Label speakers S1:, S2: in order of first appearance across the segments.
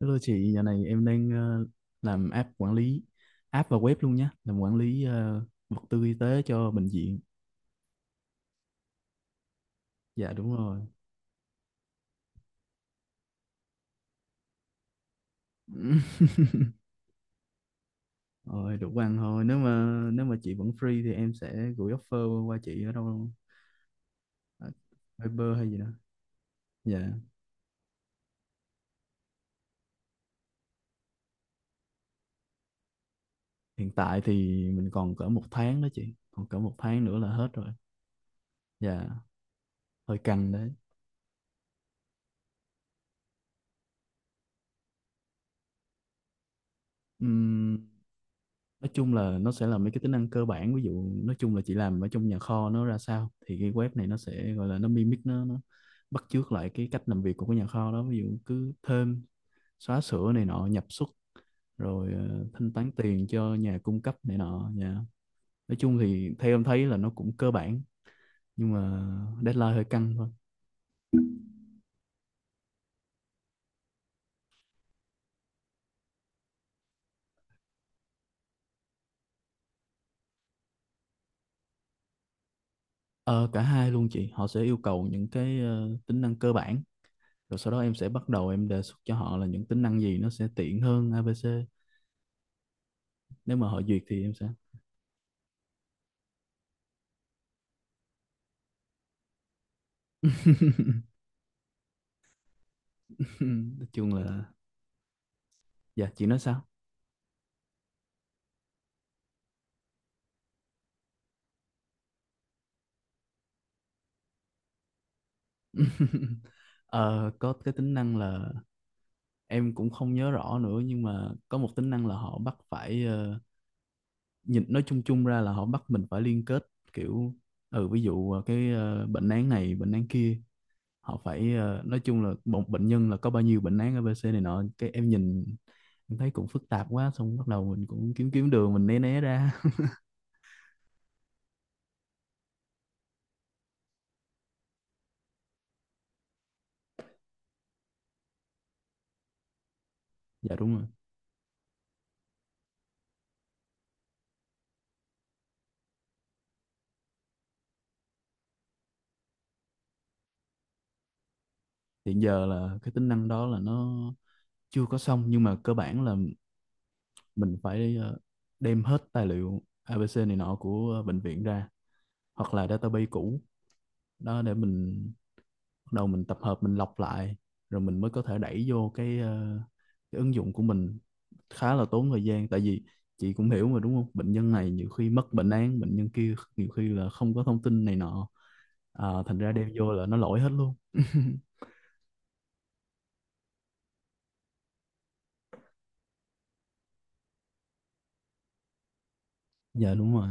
S1: Hello chị, giờ này em đang làm app quản lý app và web luôn nhé, làm quản lý vật tư y tế cho bệnh viện. Dạ đúng rồi. Rồi đủ ăn thôi. Nếu mà chị vẫn free thì em sẽ gửi offer qua chị ở đâu, ở Viber hay gì đó. Dạ. Hiện tại thì mình còn cỡ một tháng đó chị, còn cỡ một tháng nữa là hết rồi. Dạ, hơi căng đấy. Nói chung là nó sẽ là mấy cái tính năng cơ bản, ví dụ nói chung là chị làm ở trong nhà kho nó ra sao, thì cái web này nó sẽ gọi là nó mimic, nó bắt chước lại cái cách làm việc của cái nhà kho đó, ví dụ cứ thêm xóa sửa này nọ, nhập xuất, rồi thanh toán tiền cho nhà cung cấp này nọ nha. Nói chung thì theo em thấy là nó cũng cơ bản, nhưng mà deadline hơi căng thôi. Ờ, cả hai luôn chị, họ sẽ yêu cầu những cái tính năng cơ bản, rồi sau đó em sẽ bắt đầu em đề xuất cho họ là những tính năng gì nó sẽ tiện hơn ABC, nếu mà họ duyệt thì em sẽ... Nói chung là... Dạ chị nói sao? Ờ, có cái tính năng là em cũng không nhớ rõ nữa, nhưng mà có một tính năng là họ bắt phải nhìn nói chung chung ra là họ bắt mình phải liên kết kiểu, ừ, ví dụ cái bệnh án này, bệnh án kia, họ phải, nói chung là một bệnh nhân là có bao nhiêu bệnh án ABC này nọ, cái em nhìn em thấy cũng phức tạp quá, xong bắt đầu mình cũng kiếm kiếm đường mình né né ra. Dạ đúng rồi. Hiện giờ là cái tính năng đó là nó chưa có xong, nhưng mà cơ bản là mình phải đem hết tài liệu ABC này nọ của bệnh viện ra, hoặc là database cũ đó, để mình bắt đầu mình tập hợp mình lọc lại, rồi mình mới có thể đẩy vô cái ứng dụng của mình. Khá là tốn thời gian, tại vì chị cũng hiểu mà đúng không, bệnh nhân này nhiều khi mất bệnh án, bệnh nhân kia nhiều khi là không có thông tin này nọ, à, thành ra đem vô là nó lỗi hết luôn. Dạ đúng rồi,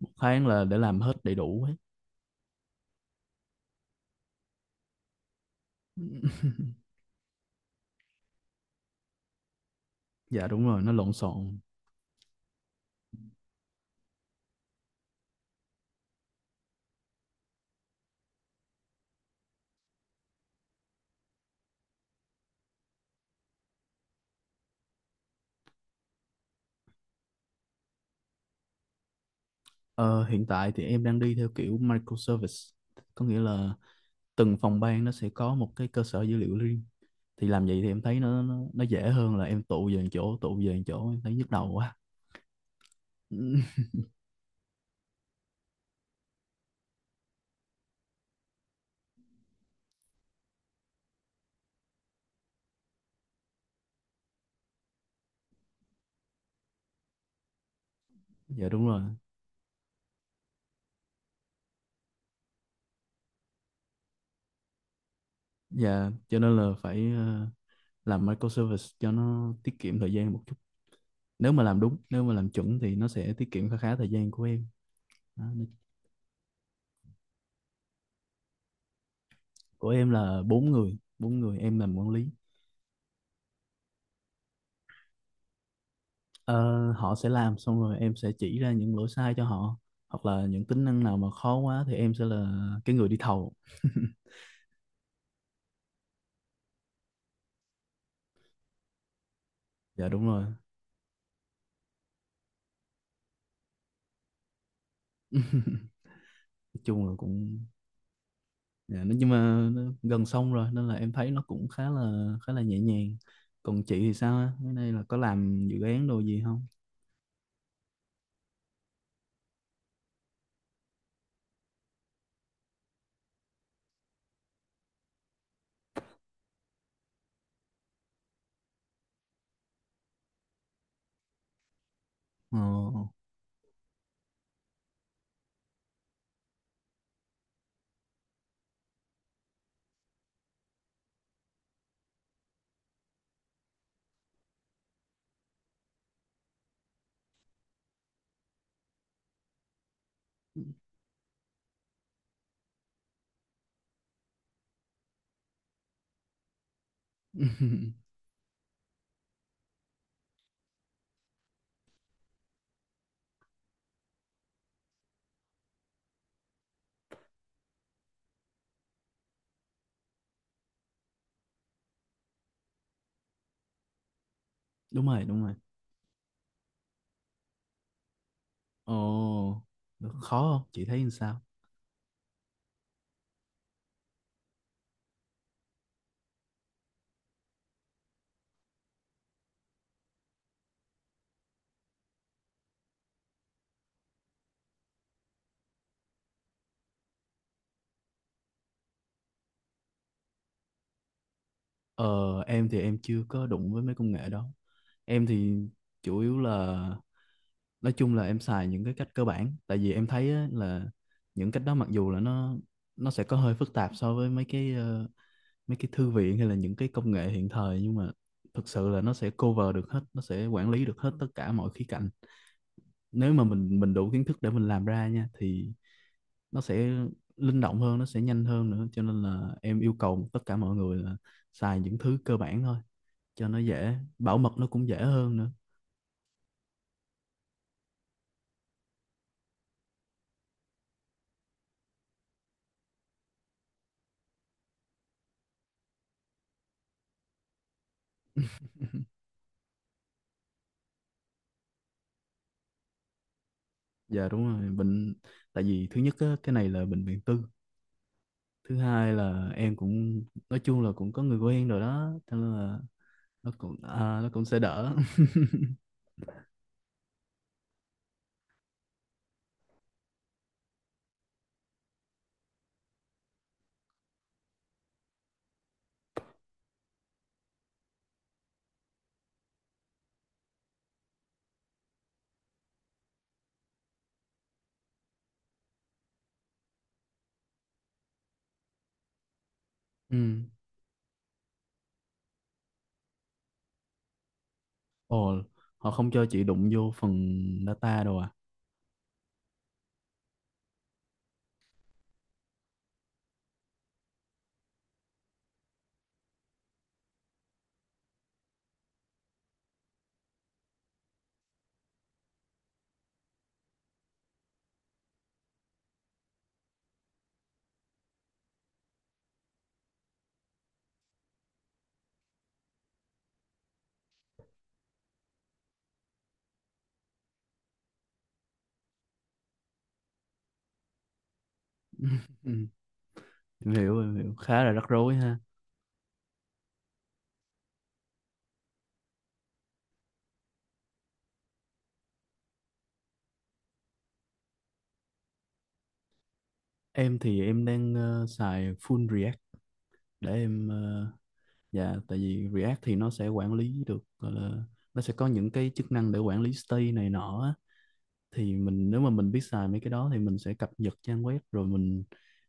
S1: một tháng là để làm hết đầy đủ ấy. Dạ đúng rồi, nó lộn xộn. Ờ, hiện tại thì em đang đi theo kiểu microservice, có nghĩa là từng phòng ban nó sẽ có một cái cơ sở dữ liệu riêng. Thì làm vậy thì em thấy nó dễ hơn là em tụ về một chỗ, tụ về một chỗ em thấy nhức đầu quá. Dạ đúng rồi. Dạ cho nên là phải làm microservice cho nó tiết kiệm thời gian một chút. Nếu mà làm đúng, nếu mà làm chuẩn thì nó sẽ tiết kiệm khá khá thời gian của em. Đó, nó- Của em là bốn người em làm quản lý. Ờ, họ sẽ làm xong rồi em sẽ chỉ ra những lỗi sai cho họ, hoặc là những tính năng nào mà khó quá thì em sẽ là cái người đi thầu. Dạ đúng rồi. Nói chung là cũng... Dạ, nó- nhưng mà nó gần xong rồi nên là em thấy nó cũng khá là nhẹ nhàng. Còn chị thì sao á, cái này là có làm dự án đồ gì không? Ồ. Đúng rồi, đúng rồi. Ồ, khó không chị thấy như sao? Ờ em thì em chưa có đụng với mấy công nghệ đó. Em thì chủ yếu là nói chung là em xài những cái cách cơ bản, tại vì em thấy á, là những cách đó mặc dù là nó sẽ có hơi phức tạp so với mấy cái thư viện hay là những cái công nghệ hiện thời, nhưng mà thực sự là nó sẽ cover được hết, nó sẽ quản lý được hết tất cả mọi khía cạnh. Nếu mà mình đủ kiến thức để mình làm ra nha, thì nó sẽ linh động hơn, nó sẽ nhanh hơn nữa, cho nên là em yêu cầu tất cả mọi người là xài những thứ cơ bản thôi, cho nó dễ, bảo mật nó cũng dễ hơn nữa. Dạ đúng rồi, tại vì thứ nhất á, cái này là bệnh viện tư, thứ hai là em cũng nói chung là cũng có người quen rồi đó, thế nên là nó cũng sẽ đỡ. Ừ. Ồ, họ không cho chị đụng vô phần data đâu à? Ừ. em hiểu khá là rắc rối ha. Em thì em đang xài full React để em dạ, tại vì React thì nó sẽ quản lý được, gọi là nó sẽ có những cái chức năng để quản lý state này nọ á. Thì mình, nếu mà mình biết xài mấy cái đó thì mình sẽ cập nhật trang web, rồi mình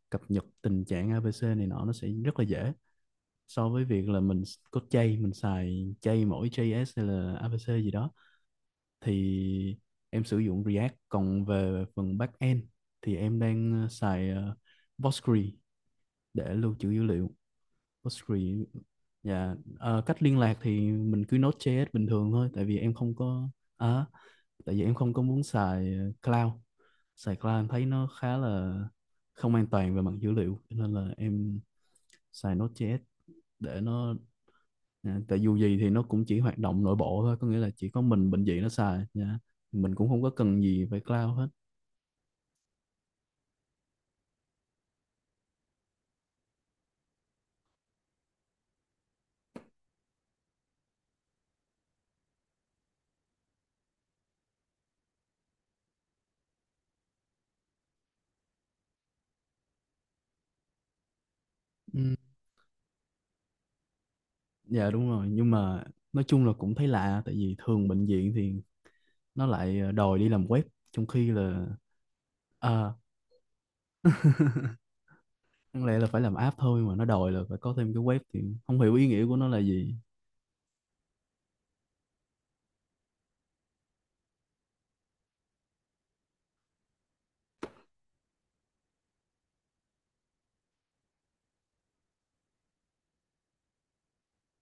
S1: cập nhật tình trạng ABC này nọ, nó sẽ rất là dễ so với việc là mình có chay, mình xài chay mỗi JS hay là ABC gì đó. Thì em sử dụng React, còn về phần backend thì em đang xài Postgre để lưu trữ dữ liệu. Postgre. Dạ, cách liên lạc thì mình cứ Node.js bình thường thôi, tại vì em không có à, tại vì em không có muốn xài cloud. Xài cloud em thấy nó khá là không an toàn về mặt dữ liệu, nên là em xài Node.js để nó... Dạ, tại dù gì thì nó cũng chỉ hoạt động nội bộ thôi, có nghĩa là chỉ có mình bệnh viện nó xài dạ. Mình cũng không có cần gì phải cloud hết. Ừ. Dạ đúng rồi, nhưng mà nói chung là cũng thấy lạ, tại vì thường bệnh viện thì nó lại đòi đi làm web, trong khi là à, đáng lẽ là phải làm app thôi, mà nó đòi là phải có thêm cái web, thì không hiểu ý nghĩa của nó là gì.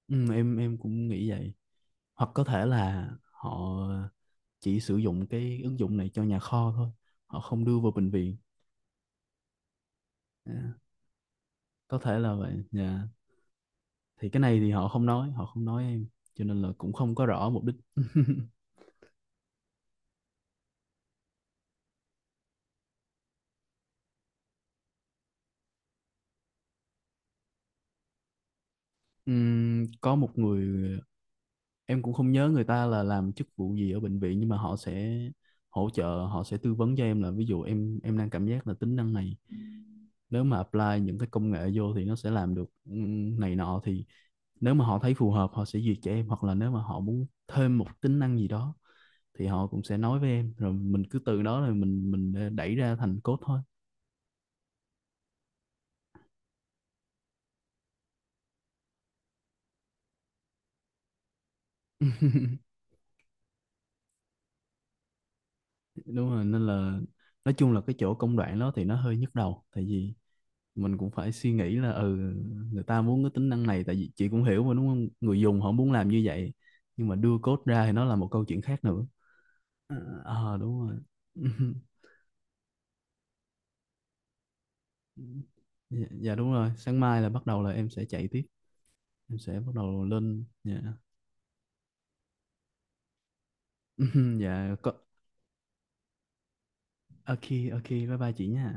S1: Ừ, em cũng nghĩ vậy. Hoặc có thể là họ chỉ sử dụng cái ứng dụng này cho nhà kho thôi, họ không đưa vào bệnh viện. Dạ, có thể là vậy. Dạ. Thì cái này thì họ không nói, họ không nói em, cho nên là cũng không có rõ mục đích. Có một người, em cũng không nhớ người ta là làm chức vụ gì ở bệnh viện, nhưng mà họ sẽ hỗ trợ, họ sẽ tư vấn cho em là ví dụ em đang cảm giác là tính năng này, nếu mà apply những cái công nghệ vô thì nó sẽ làm được này nọ, thì nếu mà họ thấy phù hợp họ sẽ duyệt cho em, hoặc là nếu mà họ muốn thêm một tính năng gì đó thì họ cũng sẽ nói với em, rồi mình cứ từ đó rồi mình đẩy ra thành code thôi. Đúng rồi, nên là nói chung là cái chỗ công đoạn đó thì nó hơi nhức đầu, tại vì mình cũng phải suy nghĩ là người ta muốn cái tính năng này, tại vì chị cũng hiểu mà đúng không, người dùng họ muốn làm như vậy nhưng mà đưa code ra thì nó là một câu chuyện khác nữa. Ờ. Ờ, đúng rồi. Dạ, dạ đúng rồi, sáng mai là bắt đầu là em sẽ chạy tiếp, em sẽ bắt đầu lên dạ. Dạ có. Ok. Ok bye bye chị nha.